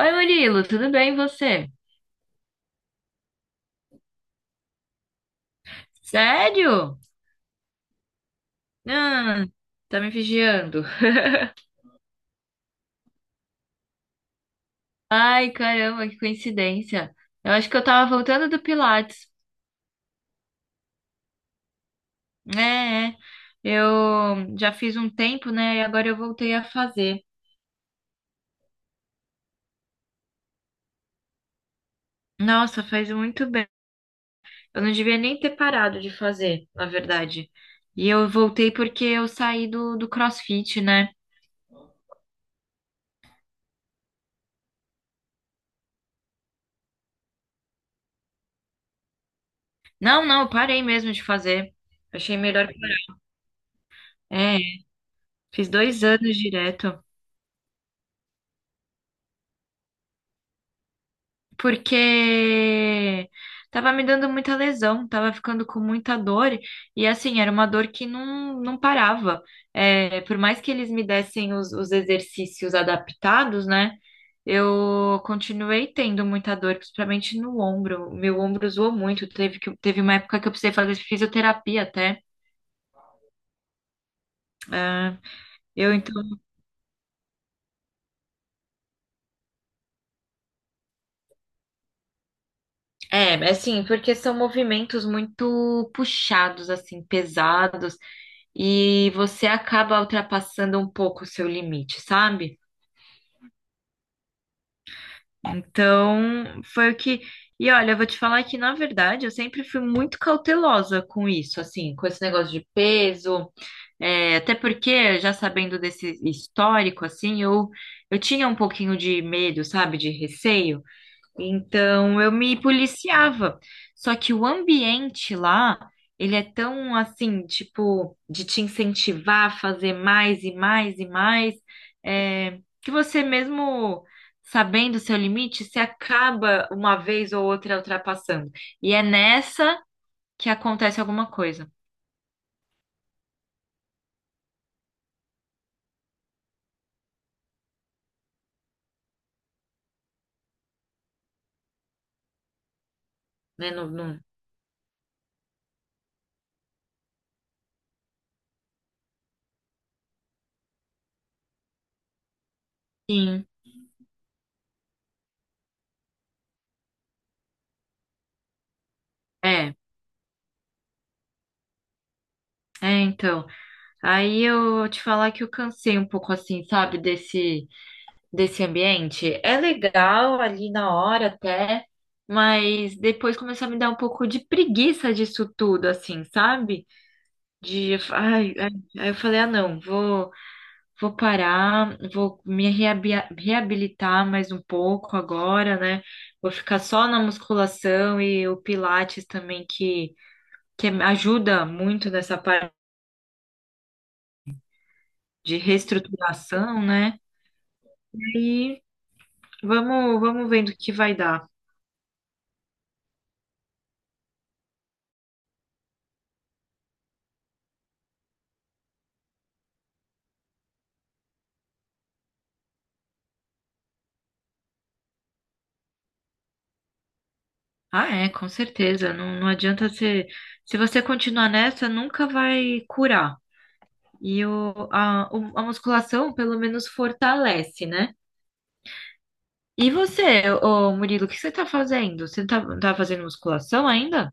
Oi, Murilo, tudo bem e você? Sério? Ah, tá me vigiando. Ai, caramba, que coincidência. Eu acho que eu tava voltando do Pilates. É, é. Eu já fiz um tempo, né? E agora eu voltei a fazer. Nossa, faz muito bem. Eu não devia nem ter parado de fazer, na verdade. E eu voltei porque eu saí do CrossFit, né? Não, não, eu parei mesmo de fazer. Achei melhor parar. É, fiz 2 anos direto. Porque tava me dando muita lesão, tava ficando com muita dor, e assim, era uma dor que não parava. É, por mais que eles me dessem os exercícios adaptados, né? Eu continuei tendo muita dor, principalmente no ombro. Meu ombro zoou muito. Teve, teve uma época que eu precisei fazer fisioterapia até. Ah, eu então. É, assim, porque são movimentos muito puxados, assim, pesados. E você acaba ultrapassando um pouco o seu limite, sabe? Então, foi o que. E olha, eu vou te falar que, na verdade, eu sempre fui muito cautelosa com isso, assim, com esse negócio de peso, é, até porque, já sabendo desse histórico, assim, eu tinha um pouquinho de medo, sabe, de receio. Então eu me policiava. Só que o ambiente lá, ele é tão assim, tipo, de te incentivar a fazer mais e mais e mais, é, que você mesmo sabendo o seu limite, se acaba uma vez ou outra ultrapassando. E é nessa que acontece alguma coisa, né? No, no- Sim, é. É, então. Aí eu te falar que eu cansei um pouco assim, sabe, desse. Desse ambiente. É legal ali na hora até, mas depois começou a me dar um pouco de preguiça disso tudo, assim, sabe? De, ai, ai, aí eu falei, ah, não, vou parar, vou me reabilitar mais um pouco agora, né? Vou ficar só na musculação e o Pilates também, que ajuda muito nessa parte de reestruturação, né? E vamos vendo o que vai dar. Ah, é, com certeza. Não, não adianta você. Se você continuar nessa, nunca vai curar. E a musculação, pelo menos, fortalece, né? E você, ô Murilo, o que você tá fazendo? Você tá fazendo musculação ainda?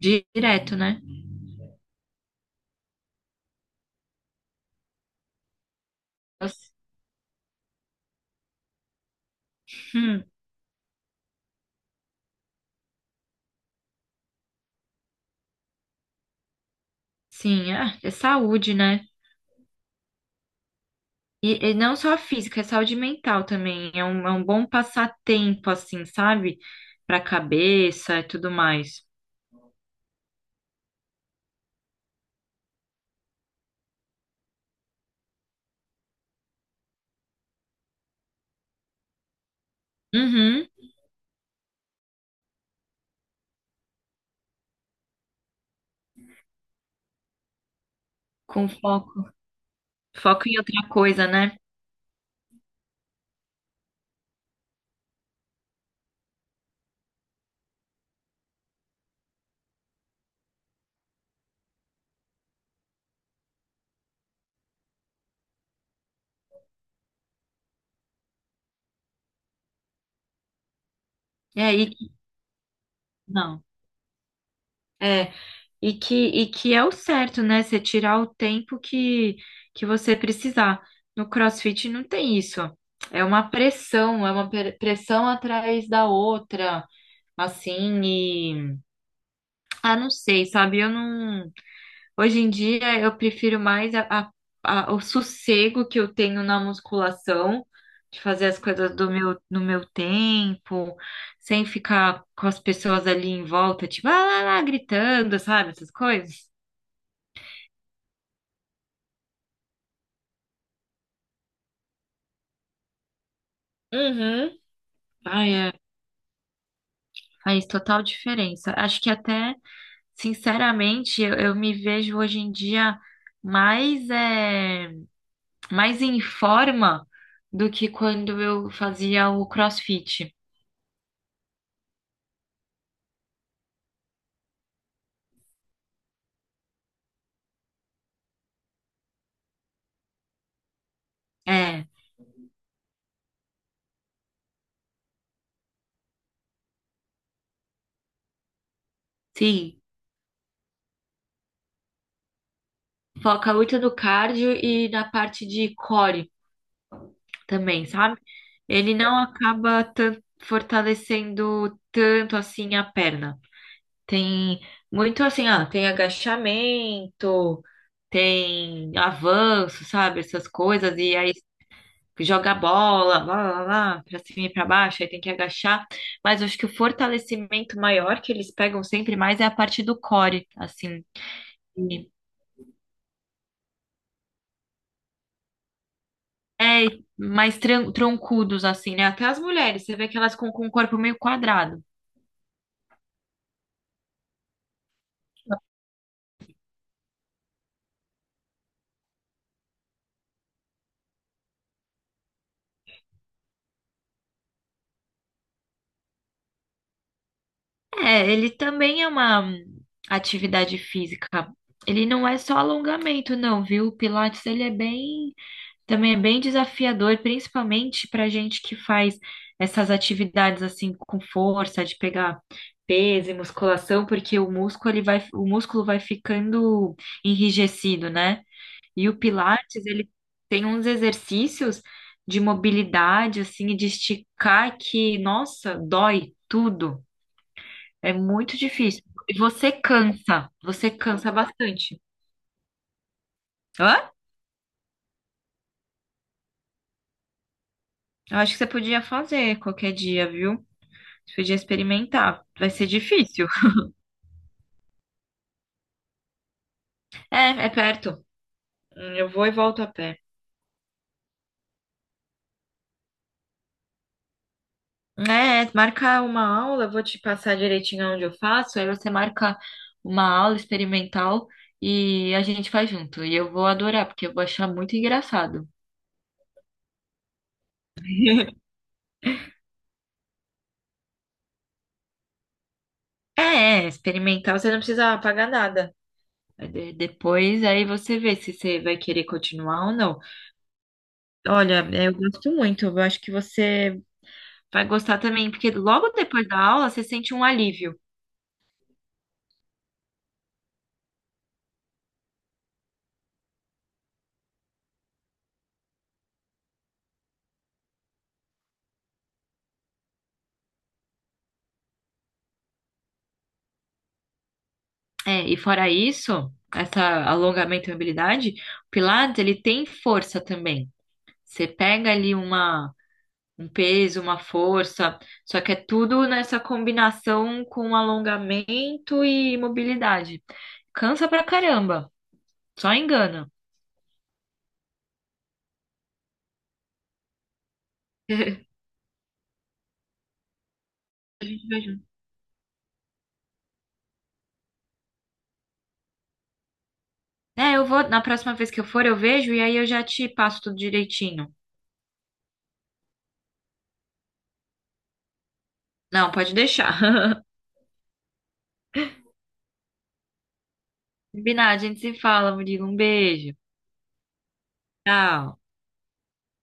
Direto, né? Nossa. Hum, sim, ah, é saúde, né? E não só a física, é saúde mental também. É um bom passatempo, assim, sabe? Pra cabeça e tudo mais. Uhum, com foco. Foco em outra coisa, né? É, e não. É, e que é o certo, né? Você tirar o tempo que você precisar. No CrossFit não tem isso. É uma pressão, é uma pressão atrás da outra, assim, e ah, não sei, sabe? Eu não. Hoje em dia eu prefiro mais o sossego que eu tenho na musculação, de fazer as coisas no meu tempo, sem ficar com as pessoas ali em volta, tipo, ah, lá, lá, gritando, sabe? Essas coisas. Uhum. Ai, é, faz total diferença. Acho que até, sinceramente, eu me vejo hoje em dia mais, é, mais em forma do que quando eu fazia o CrossFit. É, sim. Foca muito no cardio e na parte de core também, sabe? Ele não acaba fortalecendo tanto assim a perna. Tem muito assim, ah, tem agachamento, tem avanço, sabe? Essas coisas, e aí joga a bola, lá, lá, lá, pra cima e pra baixo, aí tem que agachar. Mas eu acho que o fortalecimento maior que eles pegam sempre mais é a parte do core, assim. É, mais troncudos, assim, né? Até as mulheres, você vê que elas com o corpo meio quadrado. É, ele também é uma atividade física. Ele não é só alongamento, não, viu? O Pilates, ele é bem, também é bem desafiador, principalmente pra gente que faz essas atividades, assim, com força, de pegar peso e musculação, porque o músculo, o músculo vai ficando enrijecido, né? E o Pilates, ele tem uns exercícios de mobilidade, assim, e de esticar que, nossa, dói tudo. É muito difícil. E você cansa bastante. Hã? Eu acho que você podia fazer qualquer dia, viu? Você podia experimentar. Vai ser difícil. É, é perto. Eu vou e volto a pé. É, marca uma aula, eu vou te passar direitinho onde eu faço, aí você marca uma aula experimental e a gente faz junto. E eu vou adorar, porque eu vou achar muito engraçado. É, é, experimental, você não precisa pagar nada. É, depois aí você vê se você vai querer continuar ou não. Olha, eu gosto muito, eu acho que você vai gostar também, porque logo depois da aula você sente um alívio. É, e fora isso, essa alongamento e mobilidade, o Pilates, ele tem força também. Você pega ali um peso, uma força, só que é tudo nessa combinação com alongamento e mobilidade. Cansa pra caramba, só engana. É, eu vou, na próxima vez que eu for, eu vejo e aí eu já te passo tudo direitinho. Não, pode deixar. Combinado, a gente se fala, Murilo. Um beijo. Tchau.